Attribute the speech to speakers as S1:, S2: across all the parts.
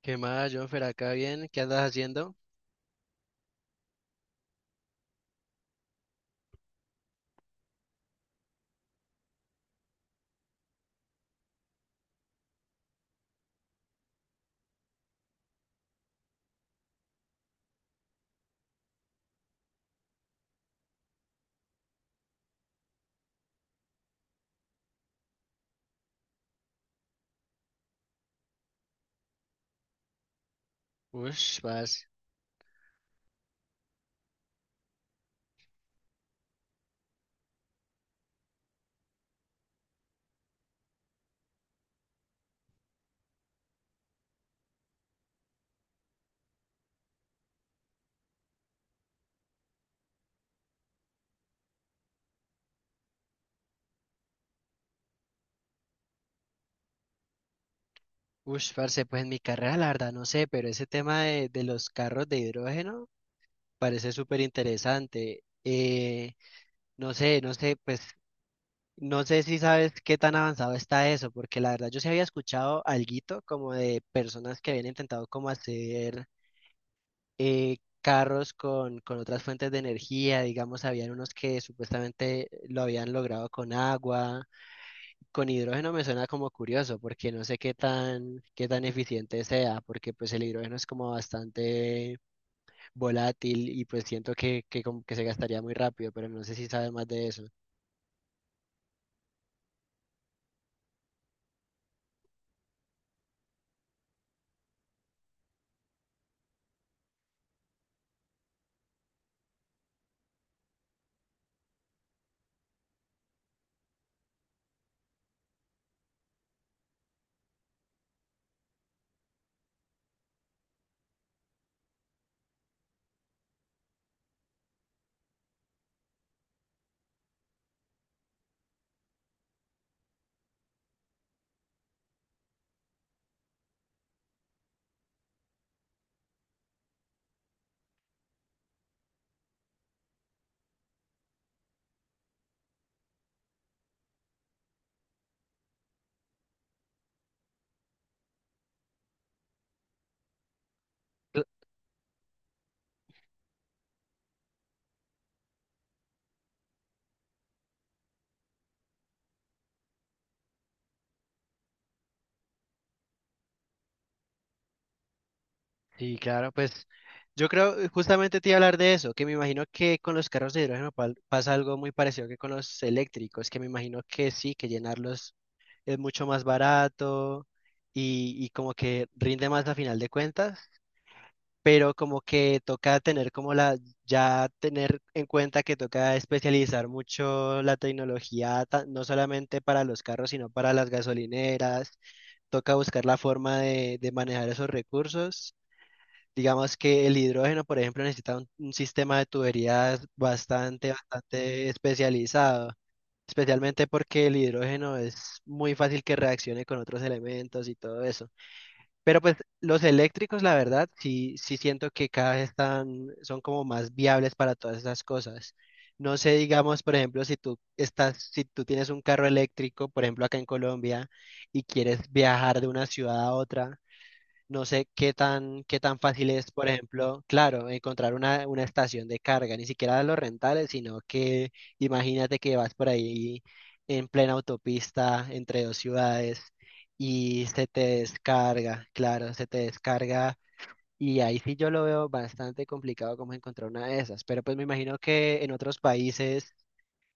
S1: ¿Qué más, Jonfer? Acá bien, ¿qué andas haciendo? Ush, vas. Ush, parce, pues en mi carrera, la verdad, no sé, pero ese tema de los carros de hidrógeno parece súper interesante. No sé, no sé, pues, no sé si sabes qué tan avanzado está eso, porque la verdad yo sí había escuchado alguito como de personas que habían intentado como hacer carros con otras fuentes de energía, digamos, habían unos que supuestamente lo habían logrado con agua. Con hidrógeno me suena como curioso, porque no sé qué tan eficiente sea, porque pues el hidrógeno es como bastante volátil y pues siento que como que se gastaría muy rápido, pero no sé si sabes más de eso. Cl- Sí, claro, pues yo creo, justamente te iba a hablar de eso, que me imagino que con los carros de hidrógeno pasa algo muy parecido que con los eléctricos, que me imagino que sí, que llenarlos es mucho más barato y como que rinde más a final de cuentas. Pero como que toca ya tener en cuenta que toca especializar mucho la tecnología, no solamente para los carros, sino para las gasolineras, toca buscar la forma de manejar esos recursos. Digamos que el hidrógeno, por ejemplo, necesita un sistema de tuberías bastante, bastante especializado, especialmente porque el hidrógeno es muy fácil que reaccione con otros elementos y todo eso. Pero pues los eléctricos, la verdad, sí, sí siento que cada vez son como más viables para todas esas cosas. No sé, digamos, por ejemplo, si tú tienes un carro eléctrico, por ejemplo, acá en Colombia, y quieres viajar de una ciudad a otra, no sé qué tan fácil es, por ejemplo, claro, encontrar una estación de carga, ni siquiera los rentales, sino que imagínate que vas por ahí en plena autopista entre dos ciudades y se te descarga, claro, se te descarga y ahí sí yo lo veo bastante complicado como encontrar una de esas, pero pues me imagino que en otros países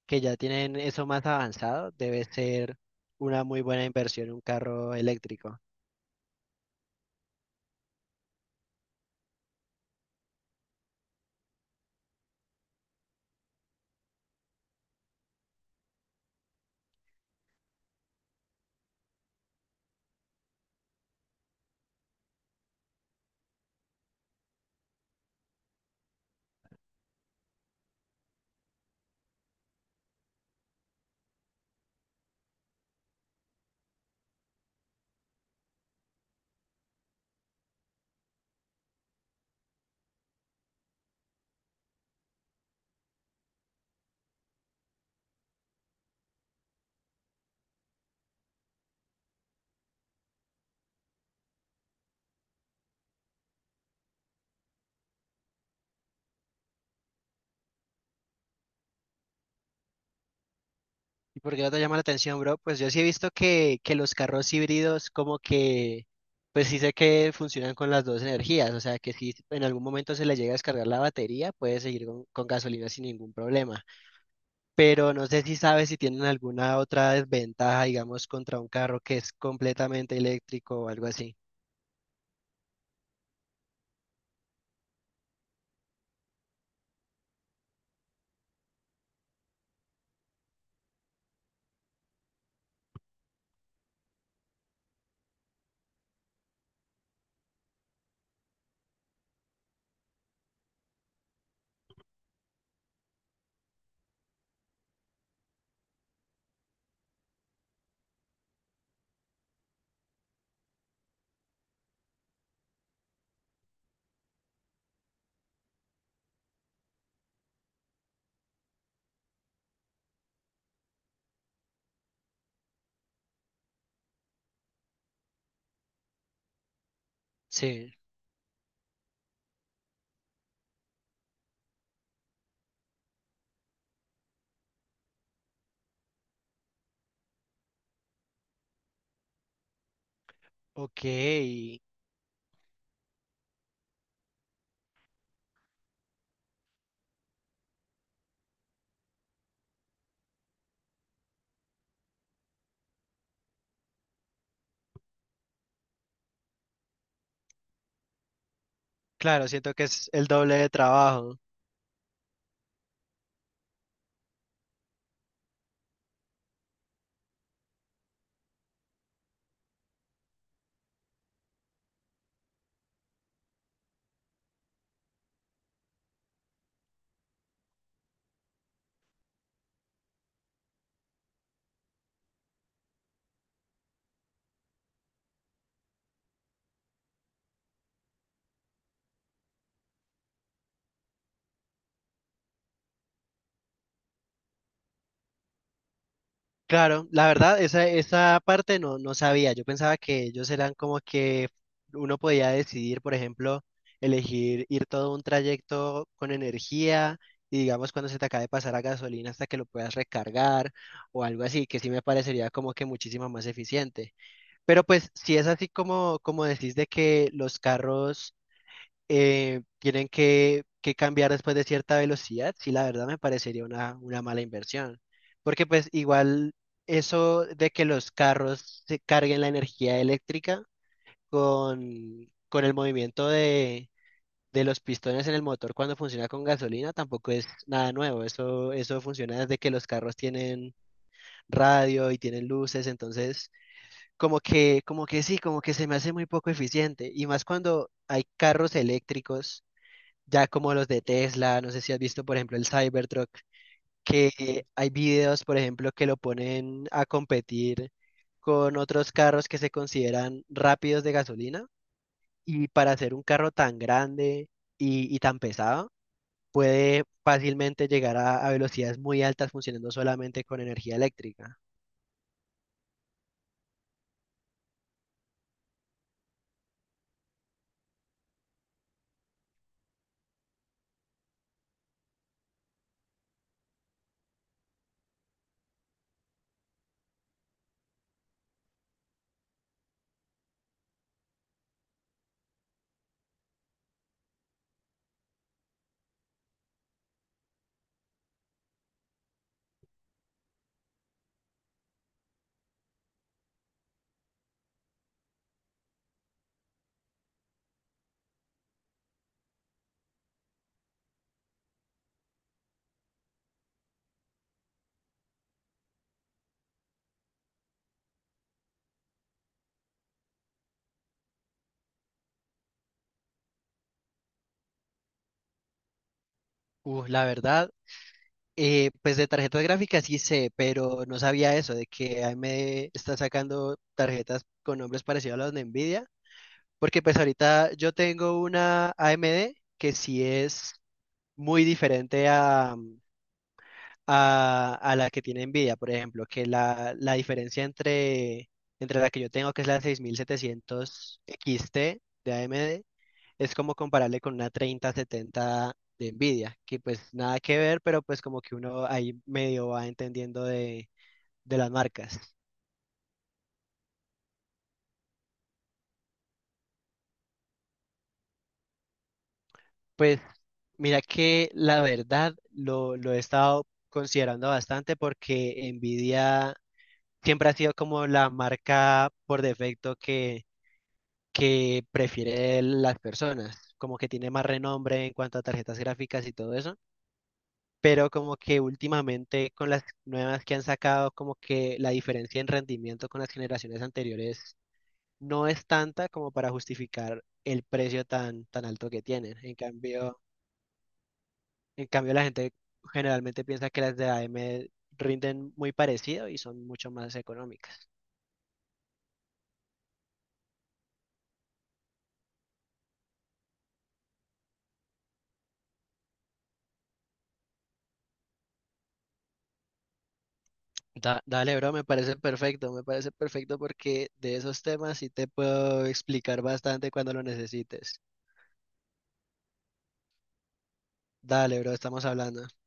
S1: que ya tienen eso más avanzado, debe ser una muy buena inversión un carro eléctrico. ¿Y por qué no te llama la atención, bro? Pues yo sí he visto que los carros híbridos como que, pues sí sé que funcionan con las dos energías, o sea que si en algún momento se le llega a descargar la batería, puede seguir con gasolina sin ningún problema. Pero no sé si sabes si tienen alguna otra desventaja, digamos, contra un carro que es completamente eléctrico o algo así. Sí, ok. Claro, siento que es el doble de trabajo. Claro, la verdad, esa parte no, no sabía. Yo pensaba que ellos eran como que uno podía decidir, por ejemplo, elegir ir todo un trayecto con energía y digamos cuando se te acabe de pasar la gasolina hasta que lo puedas recargar o algo así, que sí me parecería como que muchísimo más eficiente. Pero pues si es así como decís de que los carros tienen que cambiar después de cierta velocidad, sí, la verdad me parecería una mala inversión. Porque pues igual eso de que los carros se carguen la energía eléctrica con el movimiento de los pistones en el motor cuando funciona con gasolina tampoco es nada nuevo. Eso funciona desde que los carros tienen radio y tienen luces, entonces como que sí, como que se me hace muy poco eficiente. Y más cuando hay carros eléctricos ya como los de Tesla, no sé si has visto, por ejemplo, el Cybertruck, que hay videos, por ejemplo, que lo ponen a competir con otros carros que se consideran rápidos de gasolina, y para hacer un carro tan grande y tan pesado, puede fácilmente llegar a velocidades muy altas funcionando solamente con energía eléctrica. La verdad, pues de tarjetas gráficas sí sé, pero no sabía eso, de que AMD está sacando tarjetas con nombres parecidos a los de Nvidia. Porque pues ahorita yo tengo una AMD que sí es muy diferente a, a la que tiene Nvidia, por ejemplo, que la diferencia entre la que yo tengo, que es la 6700 XT de AMD, es como comparable con una 3070 de Nvidia, que pues nada que ver, pero pues como que uno ahí medio va entendiendo de las marcas. Pues mira que la verdad lo he estado considerando bastante porque Nvidia siempre ha sido como la marca por defecto que prefiere las personas, como que tiene más renombre en cuanto a tarjetas gráficas y todo eso, pero como que últimamente con las nuevas que han sacado, como que la diferencia en rendimiento con las generaciones anteriores no es tanta como para justificar el precio tan, tan alto que tienen. En cambio, la gente generalmente piensa que las de AM rinden muy parecido y son mucho más económicas. Dale, bro, me parece perfecto porque de esos temas sí te puedo explicar bastante cuando lo necesites. Dale, bro, estamos hablando.